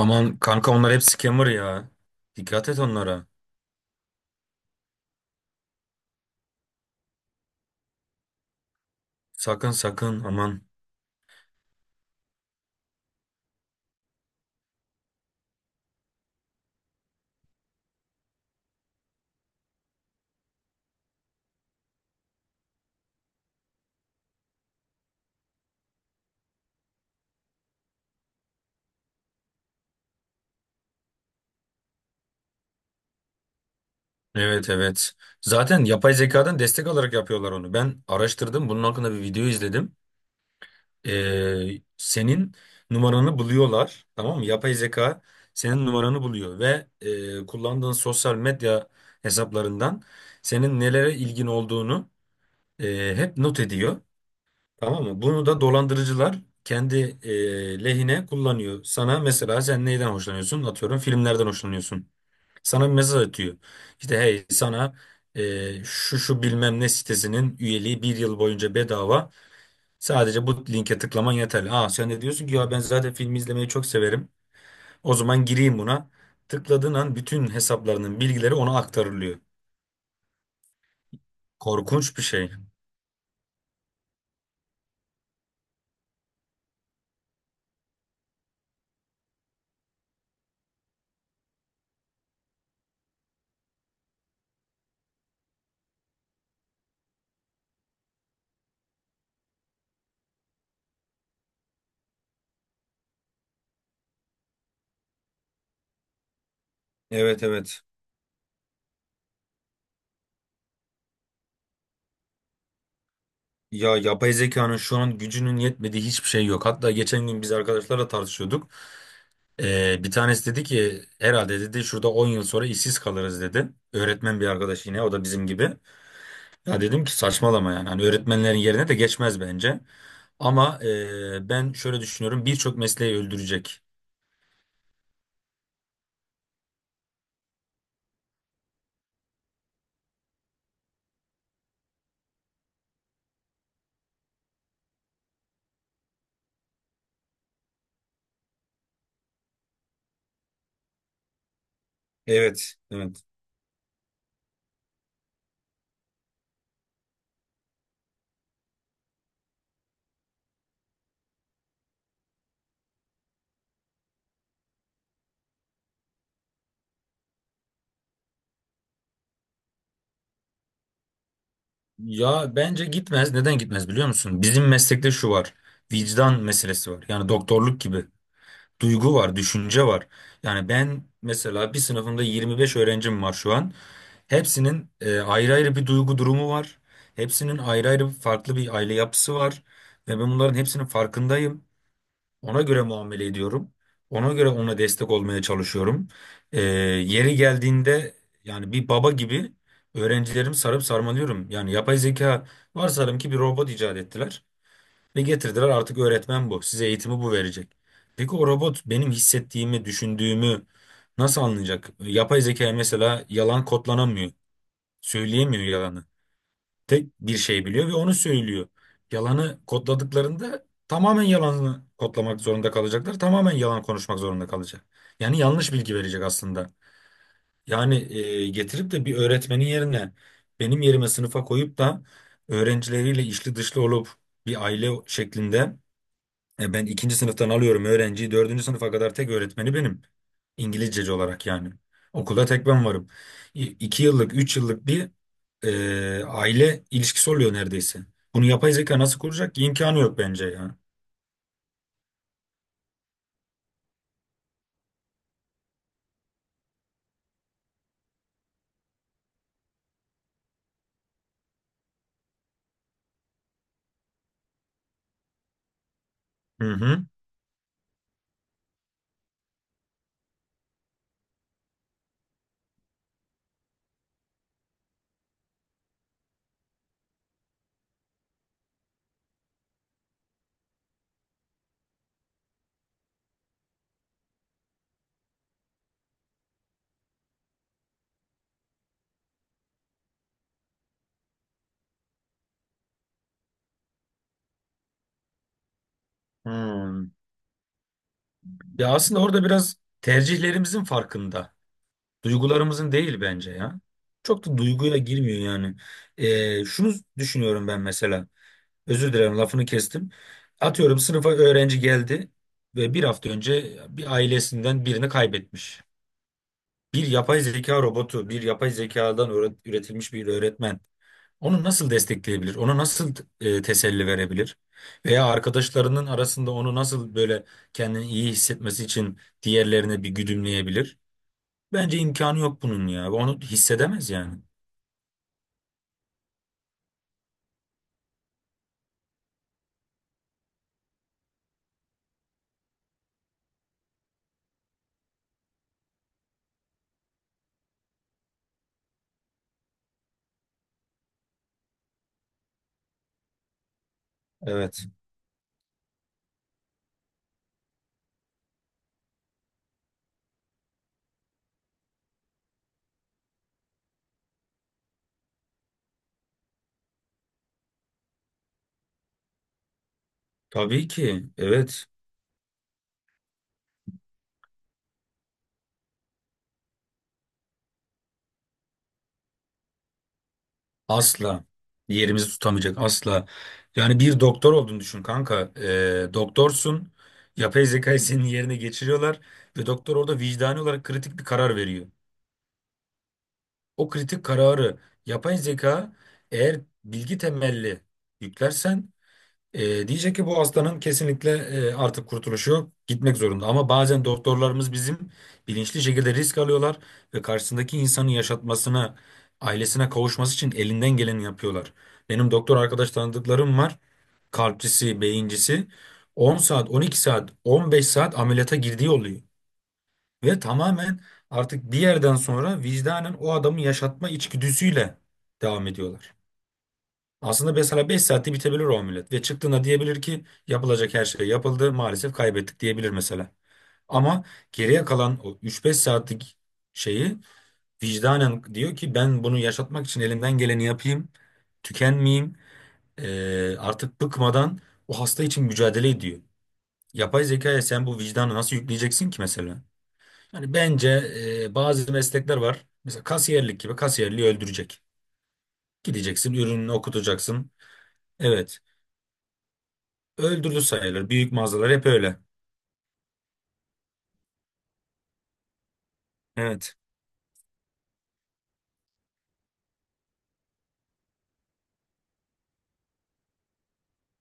Aman kanka onlar hep scammer ya. Dikkat et onlara. Sakın sakın aman. Evet evet. Zaten yapay zekadan destek alarak yapıyorlar onu. Ben araştırdım. Bunun hakkında bir video izledim. Senin numaranı buluyorlar. Tamam mı? Yapay zeka senin numaranı buluyor ve kullandığın sosyal medya hesaplarından senin nelere ilgin olduğunu hep not ediyor. Tamam mı? Bunu da dolandırıcılar kendi lehine kullanıyor. Sana mesela sen neyden hoşlanıyorsun? Atıyorum filmlerden hoşlanıyorsun. Sana bir mesaj atıyor. İşte hey sana şu bilmem ne sitesinin üyeliği bir yıl boyunca bedava. Sadece bu linke tıklaman yeterli. Aa sen de diyorsun ki ya ben zaten film izlemeyi çok severim. O zaman gireyim buna. Tıkladığın an bütün hesaplarının bilgileri ona aktarılıyor. Korkunç bir şey. Evet evet. Ya yapay zekanın şu an gücünün yetmediği hiçbir şey yok. Hatta geçen gün biz arkadaşlarla tartışıyorduk. Bir tanesi dedi ki herhalde dedi şurada 10 yıl sonra işsiz kalırız dedi. Öğretmen bir arkadaş yine o da bizim gibi. Ya dedim ki saçmalama yani hani öğretmenlerin yerine de geçmez bence. Ama ben şöyle düşünüyorum birçok mesleği öldürecek. Evet, evet. Ya bence gitmez. Neden gitmez biliyor musun? Bizim meslekte şu var. Vicdan meselesi var. Yani doktorluk gibi. Duygu var, düşünce var. Yani ben mesela bir sınıfımda 25 öğrencim var şu an. Hepsinin ayrı ayrı bir duygu durumu var. Hepsinin ayrı ayrı farklı bir aile yapısı var. Ve ben bunların hepsinin farkındayım. Ona göre muamele ediyorum. Ona göre ona destek olmaya çalışıyorum. Yeri geldiğinde yani bir baba gibi öğrencilerimi sarıp sarmalıyorum. Yani yapay zeka varsayalım ki bir robot icat ettiler. Ve getirdiler artık öğretmen bu. Size eğitimi bu verecek. Peki o robot benim hissettiğimi, düşündüğümü nasıl anlayacak? Yapay zeka mesela yalan kodlanamıyor. Söyleyemiyor yalanı. Tek bir şey biliyor ve onu söylüyor. Yalanı kodladıklarında tamamen yalanı kodlamak zorunda kalacaklar. Tamamen yalan konuşmak zorunda kalacak. Yani yanlış bilgi verecek aslında. Yani getirip de bir öğretmenin yerine benim yerime sınıfa koyup da öğrencileriyle içli dışlı olup bir aile şeklinde ben ikinci sınıftan alıyorum öğrenciyi. Dördüncü sınıfa kadar tek öğretmeni benim. İngilizceci olarak yani. Okulda tek ben varım. İki yıllık, üç yıllık bir aile ilişkisi oluyor neredeyse. Bunu yapay zeka nasıl kuracak ki? İmkanı yok bence ya. Hı hı. Hmm. Ya aslında orada biraz tercihlerimizin farkında. Duygularımızın değil bence ya. Çok da duyguya girmiyor yani. Şunu düşünüyorum ben mesela. Özür dilerim lafını kestim. Atıyorum sınıfa öğrenci geldi ve bir hafta önce bir ailesinden birini kaybetmiş. Bir yapay zeka robotu, bir yapay zekadan üretilmiş bir öğretmen onu nasıl destekleyebilir? Ona nasıl teselli verebilir? Veya arkadaşlarının arasında onu nasıl böyle kendini iyi hissetmesi için diğerlerine bir güdümleyebilir? Bence imkanı yok bunun ya. Onu hissedemez yani. Evet. Tabii ki. Evet. Asla yerimizi tutamayacak asla. Yani bir doktor olduğunu düşün kanka. Doktorsun. Yapay zekayı senin yerine geçiriyorlar ve doktor orada vicdani olarak kritik bir karar veriyor. O kritik kararı yapay zeka eğer bilgi temelli yüklersen diyecek ki bu hastanın kesinlikle artık kurtuluşu yok, gitmek zorunda. Ama bazen doktorlarımız bizim bilinçli şekilde risk alıyorlar ve karşısındaki insanın yaşatmasına, ailesine kavuşması için elinden geleni yapıyorlar. Benim doktor arkadaş tanıdıklarım var, kalpçisi, beyincisi. 10 saat, 12 saat, 15 saat ameliyata girdiği oluyor. Ve tamamen artık bir yerden sonra vicdanen o adamı yaşatma içgüdüsüyle devam ediyorlar. Aslında mesela 5 saatte bitebilir o ameliyat ve çıktığında diyebilir ki yapılacak her şey yapıldı maalesef kaybettik diyebilir mesela. Ama geriye kalan o 3-5 saatlik şeyi vicdanen diyor ki ben bunu yaşatmak için elimden geleni yapayım, tükenmeyeyim, artık bıkmadan o hasta için mücadele ediyor. Yapay zekaya sen bu vicdanı nasıl yükleyeceksin ki mesela? Yani bence bazı meslekler var. Mesela kasiyerlik gibi kasiyerliği öldürecek. Gideceksin, ürününü okutacaksın. Evet. Öldürdü sayılır. Büyük mağazalar hep öyle. Evet.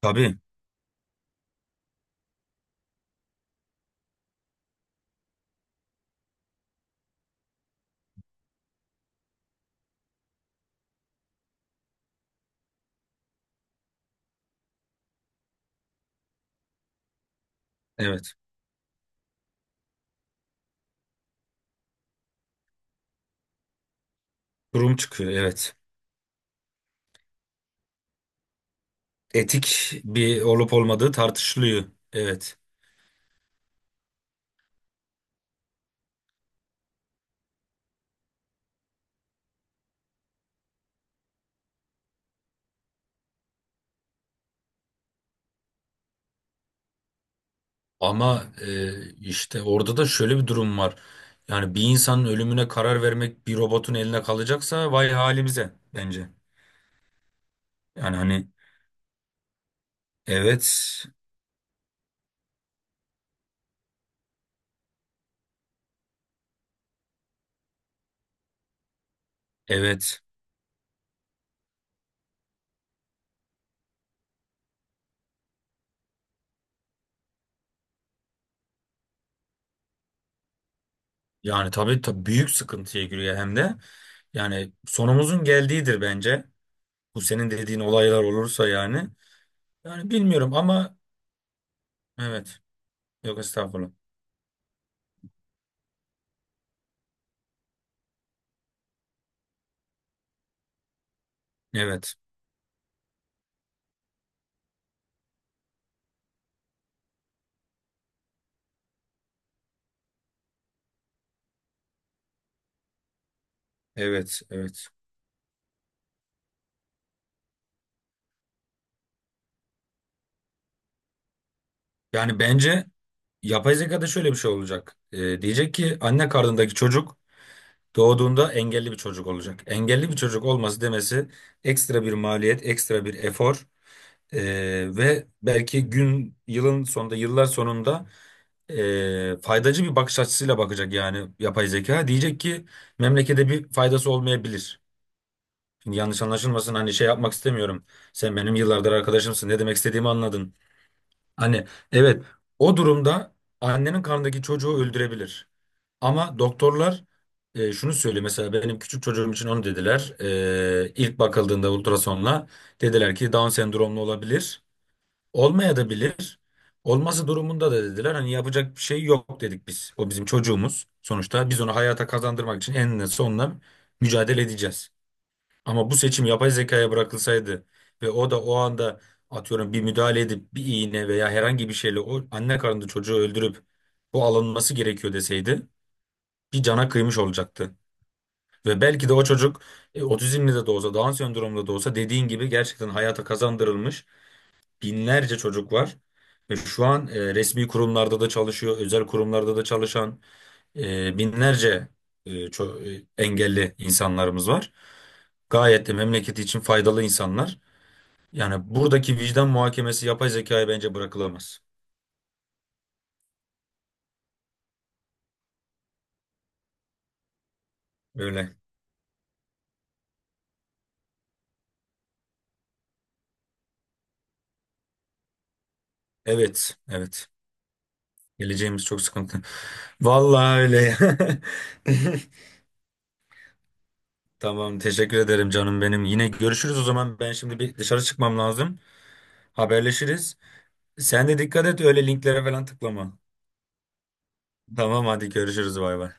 Tabii. Evet. Durum çıkıyor. Evet. Etik bir olup olmadığı tartışılıyor. Evet. Ama işte orada da şöyle bir durum var. Yani bir insanın ölümüne karar vermek bir robotun eline kalacaksa vay halimize bence. Yani hani evet, evet. Yani tabii, tabii büyük sıkıntıya giriyor hem de. Yani sonumuzun geldiğidir bence. Bu senin dediğin olaylar olursa yani. Yani bilmiyorum ama evet. Yok estağfurullah. Evet. Evet. Evet. Yani bence yapay zekada şöyle bir şey olacak. Diyecek ki anne karnındaki çocuk doğduğunda engelli bir çocuk olacak. Engelli bir çocuk olması demesi ekstra bir maliyet, ekstra bir efor ve belki gün, yılın sonunda, yıllar sonunda faydacı bir bakış açısıyla bakacak yani yapay zeka. Diyecek ki memlekete bir faydası olmayabilir. Şimdi yanlış anlaşılmasın hani şey yapmak istemiyorum. Sen benim yıllardır arkadaşımsın. Ne demek istediğimi anladın. Hani evet o durumda annenin karnındaki çocuğu öldürebilir. Ama doktorlar şunu söylüyor mesela benim küçük çocuğum için onu dediler. İlk bakıldığında ultrasonla dediler ki Down sendromlu olabilir. Olmaya da bilir. Olması durumunda da dediler hani yapacak bir şey yok dedik biz. O bizim çocuğumuz. Sonuçta biz onu hayata kazandırmak için eninde sonunda mücadele edeceğiz. Ama bu seçim yapay zekaya bırakılsaydı ve o da o anda atıyorum bir müdahale edip bir iğne veya herhangi bir şeyle o anne karnında çocuğu öldürüp bu alınması gerekiyor deseydi bir cana kıymış olacaktı. Ve belki de o çocuk otizmli de olsa, Down sendromlu da olsa dediğin gibi gerçekten hayata kazandırılmış binlerce çocuk var. Ve şu an resmi kurumlarda da çalışıyor, özel kurumlarda da çalışan binlerce engelli insanlarımız var. Gayet de memleketi için faydalı insanlar. Yani buradaki vicdan muhakemesi yapay zekaya bence bırakılamaz. Öyle. Evet, evet. Geleceğimiz çok sıkıntı. Vallahi öyle. Ya. Tamam, teşekkür ederim canım benim. Yine görüşürüz o zaman. Ben şimdi bir dışarı çıkmam lazım. Haberleşiriz. Sen de dikkat et öyle linklere falan tıklama. Tamam hadi görüşürüz bay bay.